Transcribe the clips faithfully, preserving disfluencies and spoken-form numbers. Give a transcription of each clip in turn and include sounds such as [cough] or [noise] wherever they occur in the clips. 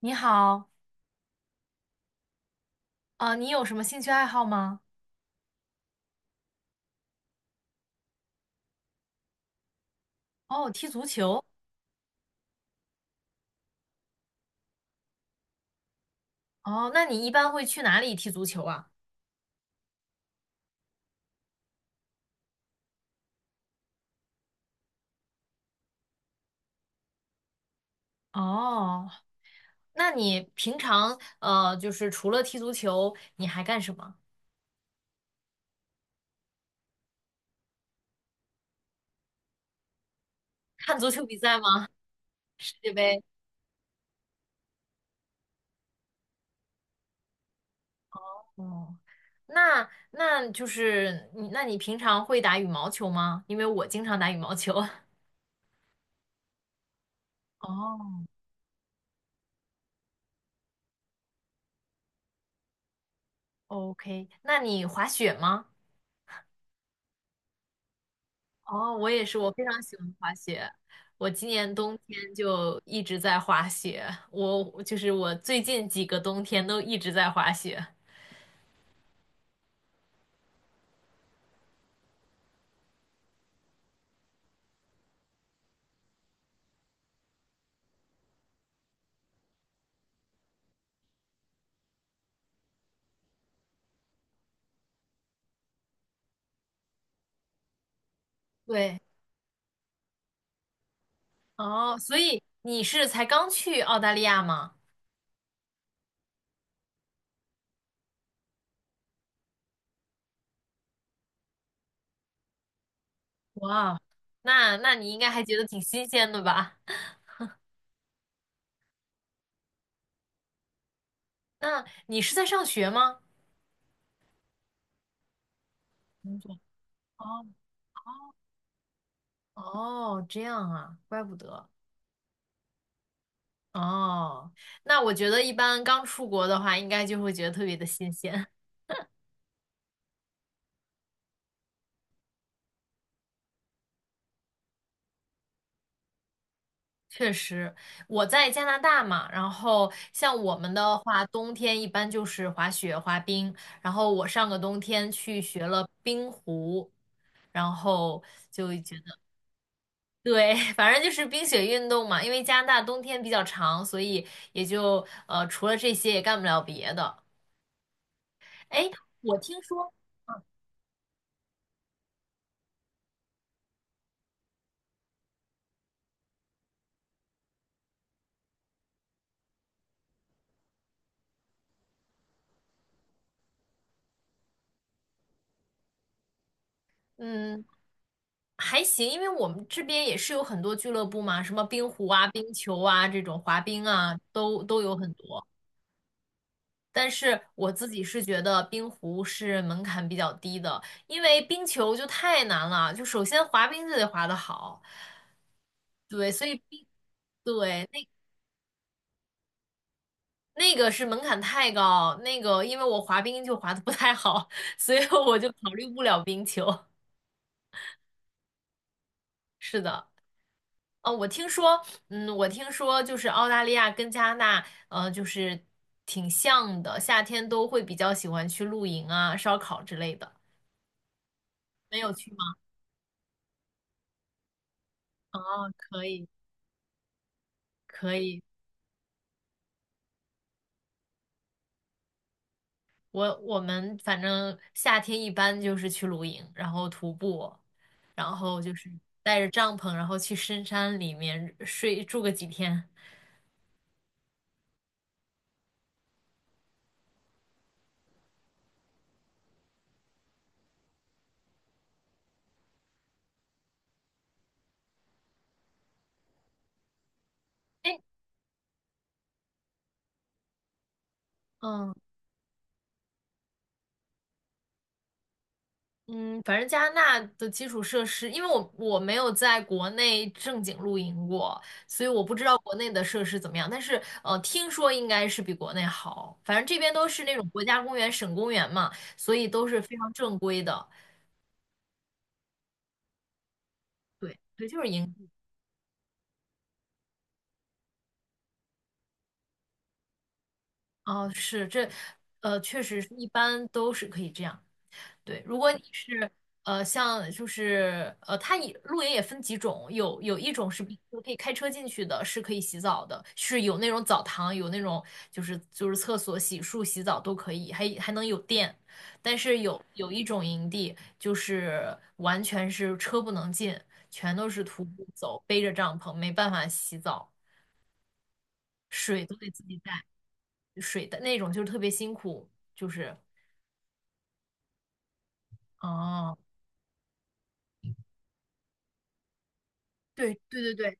你好，啊、你有什么兴趣爱好吗？哦，踢足球。哦，那你一般会去哪里踢足球啊？哦，那你平常呃，就是除了踢足球，你还干什么？看足球比赛吗？世界杯？哦，那那就是你，那你平常会打羽毛球吗？因为我经常打羽毛球。[laughs] 哦，OK，那你滑雪吗？哦，我也是，我非常喜欢滑雪。我今年冬天就一直在滑雪，我就是我最近几个冬天都一直在滑雪。对，哦，所以你是才刚去澳大利亚吗？哇，那那你应该还觉得挺新鲜的吧？[laughs] 那你是在上学吗？工作。哦哦，这样啊，怪不得。哦，那我觉得一般刚出国的话，应该就会觉得特别的新鲜。确实，我在加拿大嘛，然后像我们的话，冬天一般就是滑雪、滑冰，然后我上个冬天去学了冰壶，然后就觉得，对，[laughs] 反正就是冰雪运动嘛，因为加拿大冬天比较长，所以也就呃除了这些也干不了别的。哎，我听说，嗯。还行，因为我们这边也是有很多俱乐部嘛，什么冰壶啊、冰球啊这种滑冰啊，都都有很多。但是我自己是觉得冰壶是门槛比较低的，因为冰球就太难了，就首先滑冰就得滑得好，对，所以冰，对，那那个是门槛太高，那个因为我滑冰就滑得不太好，所以我就考虑不了冰球。是的，呃，我听说，嗯，我听说就是澳大利亚跟加拿大，呃，就是挺像的，夏天都会比较喜欢去露营啊、烧烤之类的。没有去吗？哦，可以。可以，我我们反正夏天一般就是去露营，然后徒步，然后就是带着帐篷，然后去深山里面睡住个几天。哎，嗯嗯，反正加拿大的基础设施，因为我我没有在国内正经露营过，所以我不知道国内的设施怎么样。但是呃，听说应该是比国内好，反正这边都是那种国家公园、省公园嘛，所以都是非常正规的。对对，就是营。哦，是这，呃，确实是一般都是可以这样。对，如果你是呃，像就是呃，它也露营也分几种，有有一种是比如可以开车进去的，是可以洗澡的，是有那种澡堂，有那种就是就是厕所、洗漱、洗澡都可以，还还能有电。但是有有一种营地，就是完全是车不能进，全都是徒步走，背着帐篷，没办法洗澡，水都得自己带。水的那种，就是特别辛苦，就是哦，对对对对，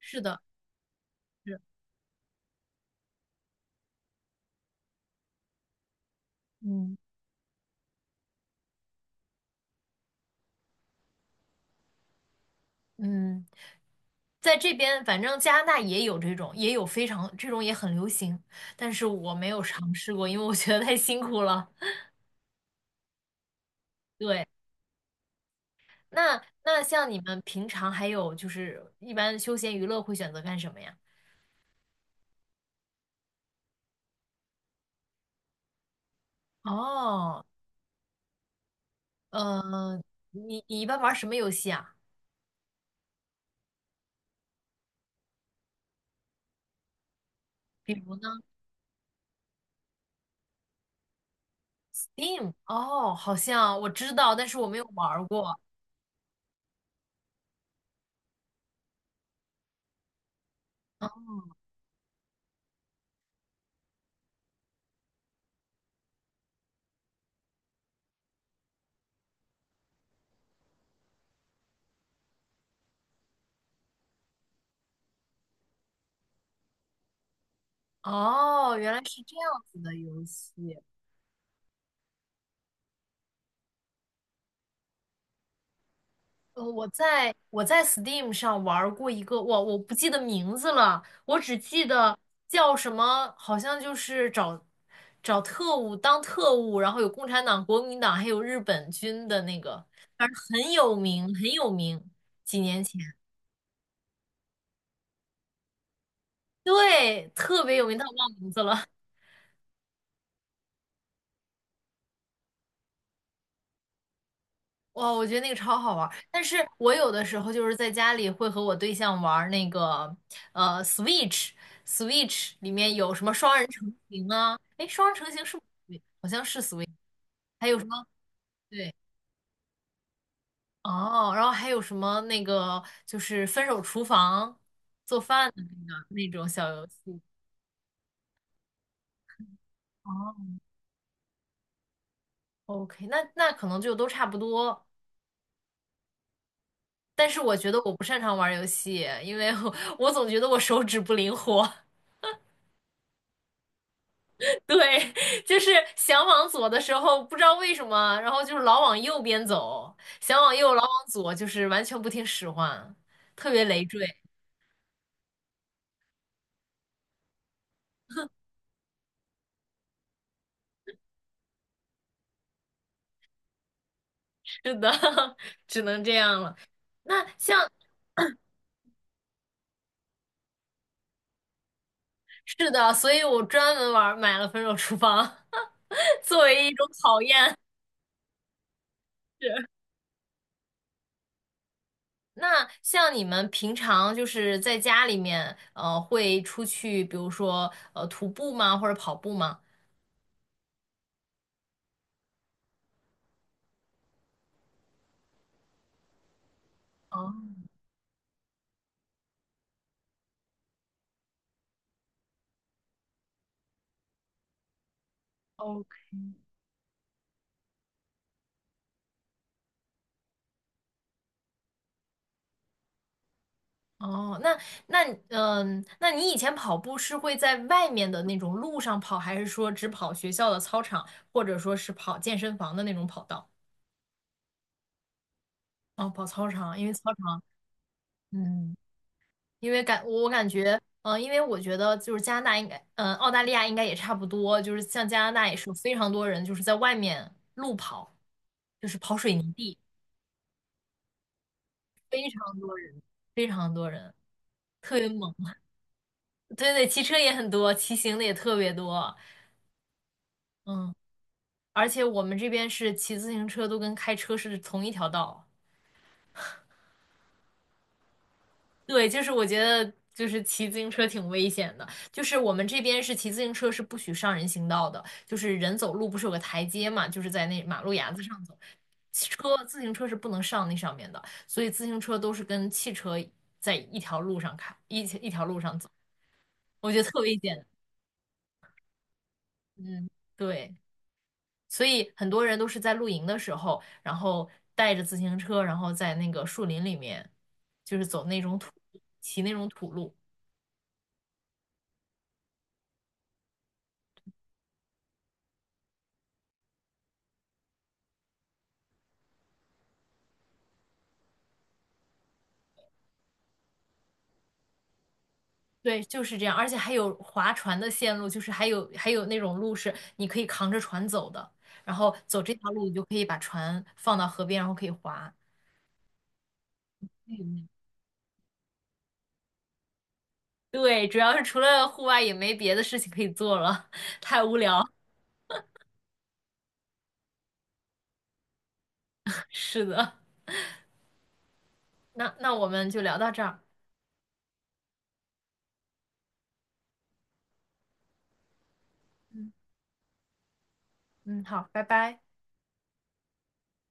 是的，是，嗯嗯，在这边反正加拿大也有这种，也有非常这种也很流行，但是我没有尝试过，因为我觉得太辛苦了。对，那那像你们平常还有就是一般休闲娱乐会选择干什么呀？哦，呃，你你一般玩什么游戏啊？比如呢？Steam？哦，好像我知道，但是我没有玩儿过。哦，原来是这样子的游戏。呃，我在我在 Steam 上玩儿过一个，我我不记得名字了，我只记得叫什么，好像就是找找特务当特务，然后有共产党、国民党，还有日本军的那个，反正很有名，很有名。几年前，对，特别有名，但我忘名字了。哇，我觉得那个超好玩儿，但是我有的时候就是在家里会和我对象玩儿那个呃 Switch，Switch 里面有什么双人成行啊？哎，双人成行是不是好像是 Switch，还有什么？对，哦，然后还有什么那个就是分手厨房做饭的那个那种小游戏。哦，OK，那那可能就都差不多，但是我觉得我不擅长玩儿游戏，因为我 [laughs] 我总觉得我手指不灵活。[laughs] 对，就是想往左的时候，不知道为什么，然后就是老往右边走，想往右，老往左，就是完全不听使唤，特别累赘。是的，[laughs] 只能这样了。那像是的，所以我专门玩买了《分手厨房》[laughs] 作为一种考验。是。那像你们平常就是在家里面，呃，会出去，比如说呃徒步吗，或者跑步吗？啊哦哦，那那嗯，那你以前跑步是会在外面的那种路上跑，还是说只跑学校的操场，或者说是跑健身房的那种跑道？哦，跑操场，因为操场，嗯，因为感我感觉，嗯、因为我觉得就是加拿大应该，嗯、澳大利亚应该也差不多，就是像加拿大也是有非常多人就是在外面路跑，就是跑水泥地，非常多人，非常多人，特别猛。[laughs] 对对，骑车也很多，骑行的也特别多，嗯。而且我们这边是骑自行车都跟开车是同一条道。对，就是我觉得就是骑自行车挺危险的，就是我们这边是骑自行车是不许上人行道的，就是人走路不是有个台阶嘛，就是在那马路牙子上走，车自行车是不能上那上面的，所以自行车都是跟汽车在一条路上开，一一条路上走，我觉得特危险。嗯，对。所以很多人都是在露营的时候，然后带着自行车，然后在那个树林里面，就是走那种土，骑那种土路。对，就是这样，而且还有划船的线路，就是还有还有那种路是你可以扛着船走的，然后走这条路，你就可以把船放到河边，然后可以划。嗯，对，主要是除了户外也没别的事情可以做了，[laughs] 太无聊。[laughs] 是的，那那我们就聊到这儿。嗯，好，拜拜。